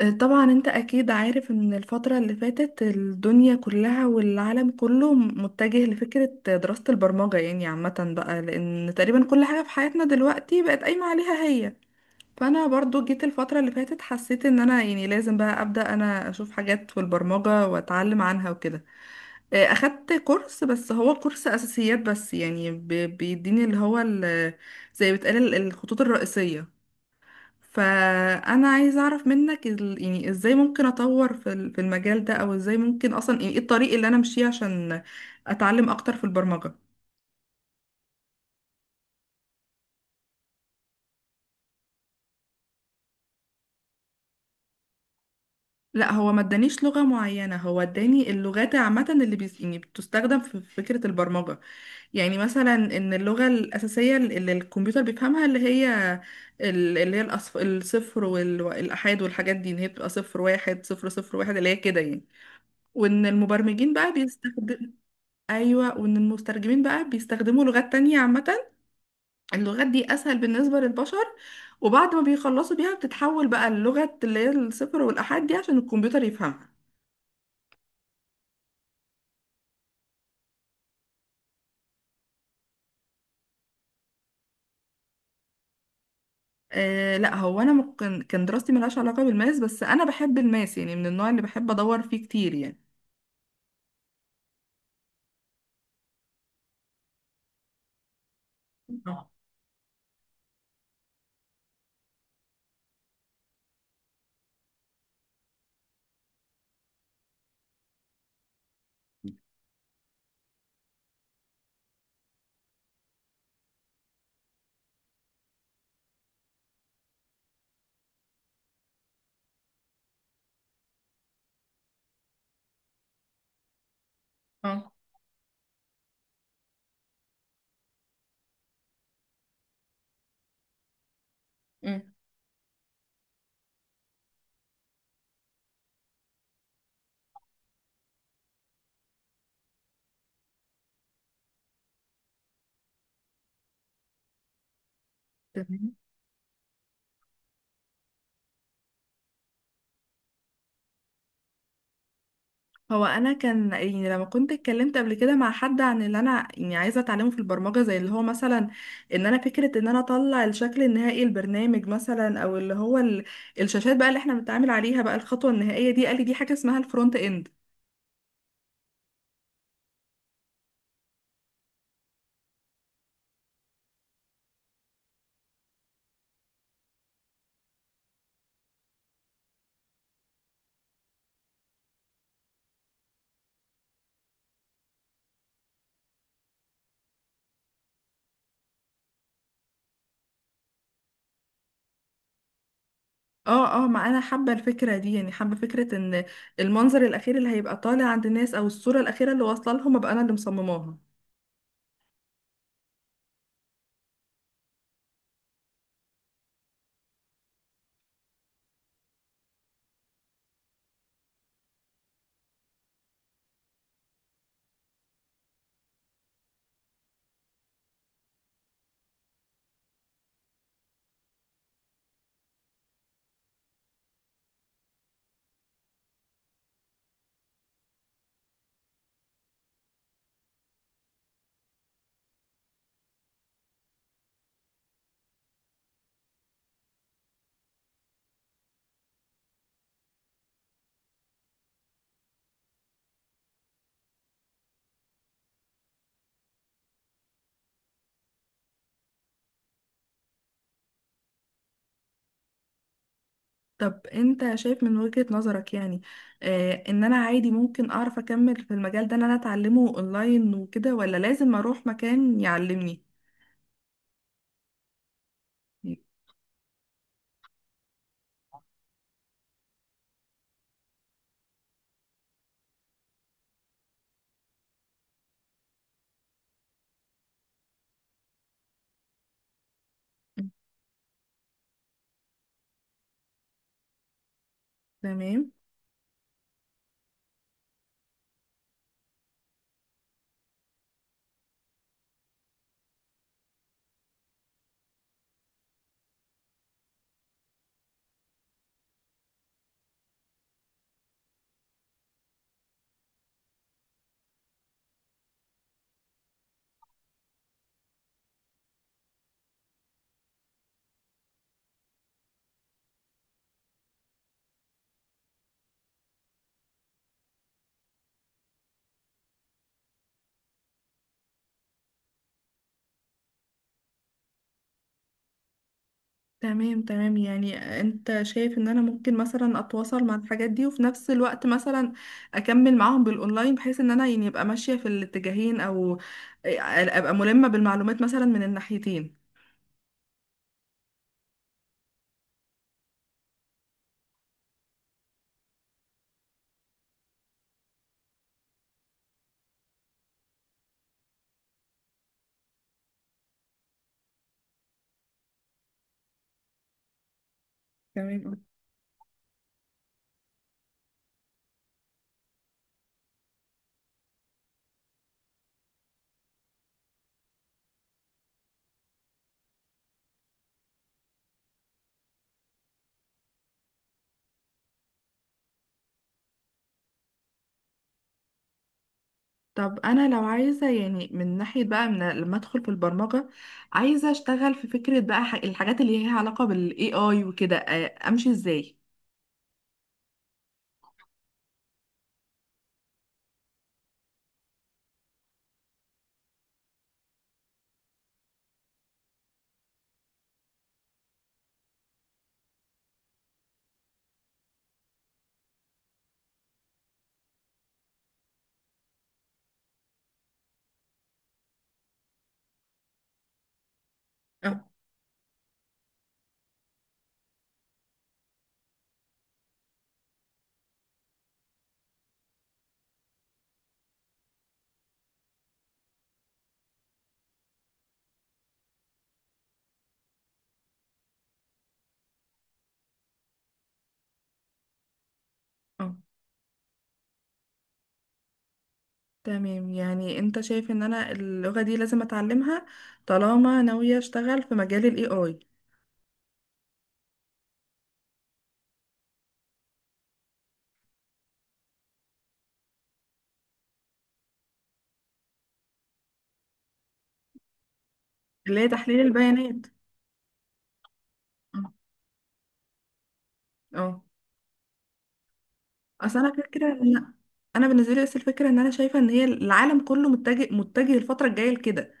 طبعا انت اكيد عارف ان الفترة اللي فاتت الدنيا كلها والعالم كله متجه لفكرة دراسة البرمجة، يعني عامة بقى، لان تقريبا كل حاجة في حياتنا دلوقتي بقت قايمة عليها هي. فانا برضو جيت الفترة اللي فاتت، حسيت ان انا يعني لازم بقى ابدأ انا اشوف حاجات في البرمجة واتعلم عنها وكده. اه، اخدت كورس، بس هو كورس اساسيات بس، يعني بيديني اللي هو زي بتقال الخطوط الرئيسية. فانا عايزه اعرف منك يعني ازاي ممكن اطور في في المجال ده، او ازاي ممكن اصلا، يعني ايه الطريق اللي انا امشيه عشان اتعلم اكتر في البرمجه. لا، هو ما ادانيش لغه معينه، هو اداني اللغات عامه اللي يعني بتستخدم في فكره البرمجه. يعني مثلا ان اللغه الاساسيه اللي الكمبيوتر بيفهمها، اللي هي اللي هي الصفر والآحاد والحاجات دي، ان هي بتبقى صفر واحد صفر صفر واحد اللي هي كده يعني. وان المبرمجين بقى بيستخدم. ايوه، وان المترجمين بقى بيستخدموا لغات تانية عامة. اللغات دي اسهل بالنسبة للبشر، وبعد ما بيخلصوا بيها بتتحول بقى اللغة اللي هي الصفر والآحاد دي عشان الكمبيوتر يفهمها. آه لا، هو انا ممكن كان دراستي ملهاش علاقة بالماس، بس انا بحب الماس، يعني من النوع اللي بحب ادور فيه كتير يعني. اه، اه. مم. هو انا كان يعني لما كنت اتكلمت قبل كده مع حد عن اللي انا يعني عايزه اتعلمه في البرمجه، زي اللي هو مثلا ان انا فكره ان انا اطلع الشكل النهائي البرنامج مثلا، او اللي هو الشاشات بقى اللي احنا بنتعامل عليها بقى الخطوه النهائيه دي، قال لي دي حاجه اسمها الفرونت اند. اه، اه، ما انا حابه الفكره دي، يعني حابه فكره ان المنظر الاخير اللي هيبقى طالع عند الناس او الصوره الاخيره اللي واصله لهم ابقى انا اللي مصمماها. طب انت شايف من وجهة نظرك، يعني ان انا عادي ممكن اعرف اكمل في المجال ده ان انا اتعلمه اونلاين وكده، ولا لازم اروح مكان يعلمني؟ تمام، تمام، تمام. يعني انت شايف ان انا ممكن مثلا اتواصل مع الحاجات دي وفي نفس الوقت مثلا اكمل معاهم بالاونلاين، بحيث ان انا يعني ابقى ماشية في الاتجاهين، او آه، ابقى ملمة بالمعلومات مثلا من الناحيتين. تمام. طب انا لو عايزه يعني من ناحيه بقى، من لما ادخل في البرمجه عايزه اشتغل في فكره بقى الحاجات اللي هي علاقه بالاي اي وكده، امشي ازاي؟ اه، اه. تمام، يعني انت شايف ان انا اللغه دي لازم اتعلمها طالما ناويه اشتغل في مجال الاي اي؟ اللي هي تحليل البيانات. اه. آه. اصل انا فكره ان انا بالنسبه لي، بس الفكره ان انا شايفه ان هي العالم كله متجه الفتره الجايه لكده،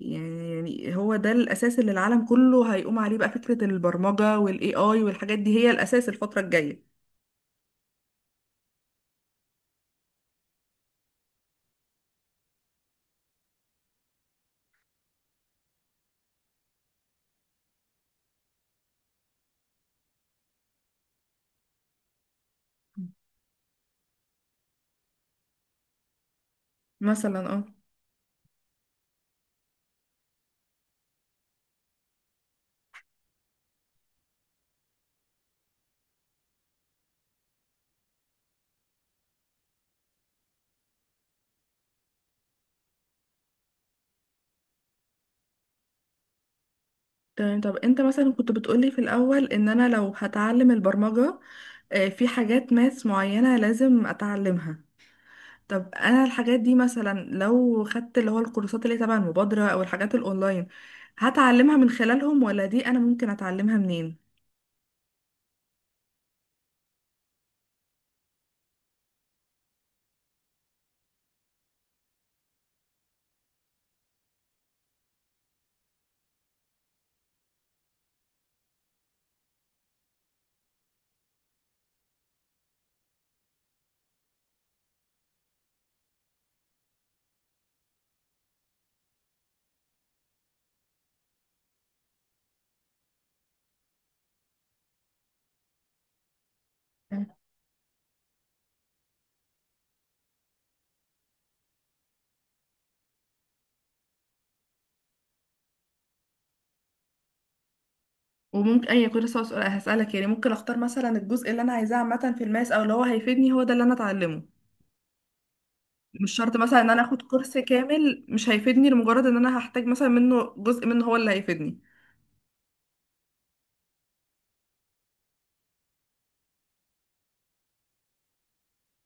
يعني هو ده الأساس اللي العالم كله هيقوم عليه بقى، فكرة البرمجة والاي اي والحاجات دي هي الأساس الفترة الجاية. مثلا اه. تمام. طب انت مثلا كنت بتقولي في الأول ان انا لو هتعلم البرمجة، في حاجات ماس معينة لازم اتعلمها. طب انا الحاجات دي مثلا لو خدت اللي هو الكورسات اللي تبع المبادرة او الحاجات الاونلاين هتعلمها من خلالهم، ولا دي انا ممكن اتعلمها منين؟ وممكن اي كنت لسه هسألك، يعني ممكن اختار مثلا الجزء اللي انا عايزاه عامة في الماس او اللي هو هيفيدني هو ده اللي انا اتعلمه. مش شرط مثلا ان انا اخد كورس كامل مش هيفيدني لمجرد ان انا هحتاج مثلا منه جزء منه هو اللي هيفيدني.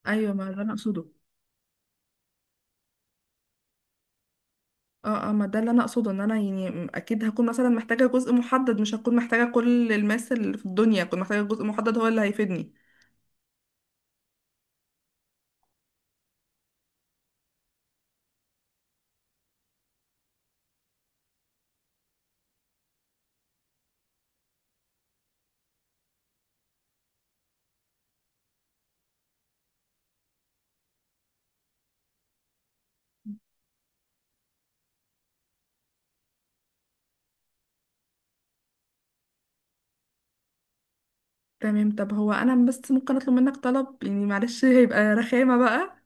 ايوه، ما ده انا اقصده. اه، اه، ما ده اللي انا اقصده، ان انا يعني اكيد هكون مثلا محتاجة جزء محدد، مش هكون محتاجة كل الماس اللي في الدنيا، هكون محتاجة جزء محدد هو اللي هيفيدني. تمام. طب هو انا بس ممكن اطلب منك طلب، يعني معلش هيبقى رخامة بقى.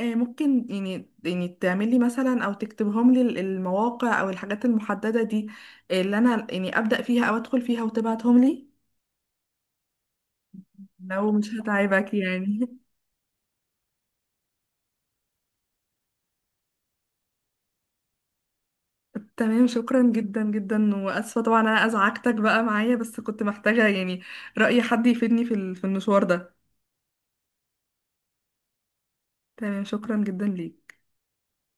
ممكن يعني تعملي مثلا او تكتبهم لي المواقع او الحاجات المحددة دي، اللي انا يعني ابدأ فيها او ادخل فيها وتبعتهم لي؟ لو مش هتعبك يعني. تمام، شكرا جدا جدا، واسفة طبعا انا ازعجتك بقى معايا، بس كنت محتاجة يعني رأي حد يفيدني في في المشوار ده. تمام شكرا جدا ليك.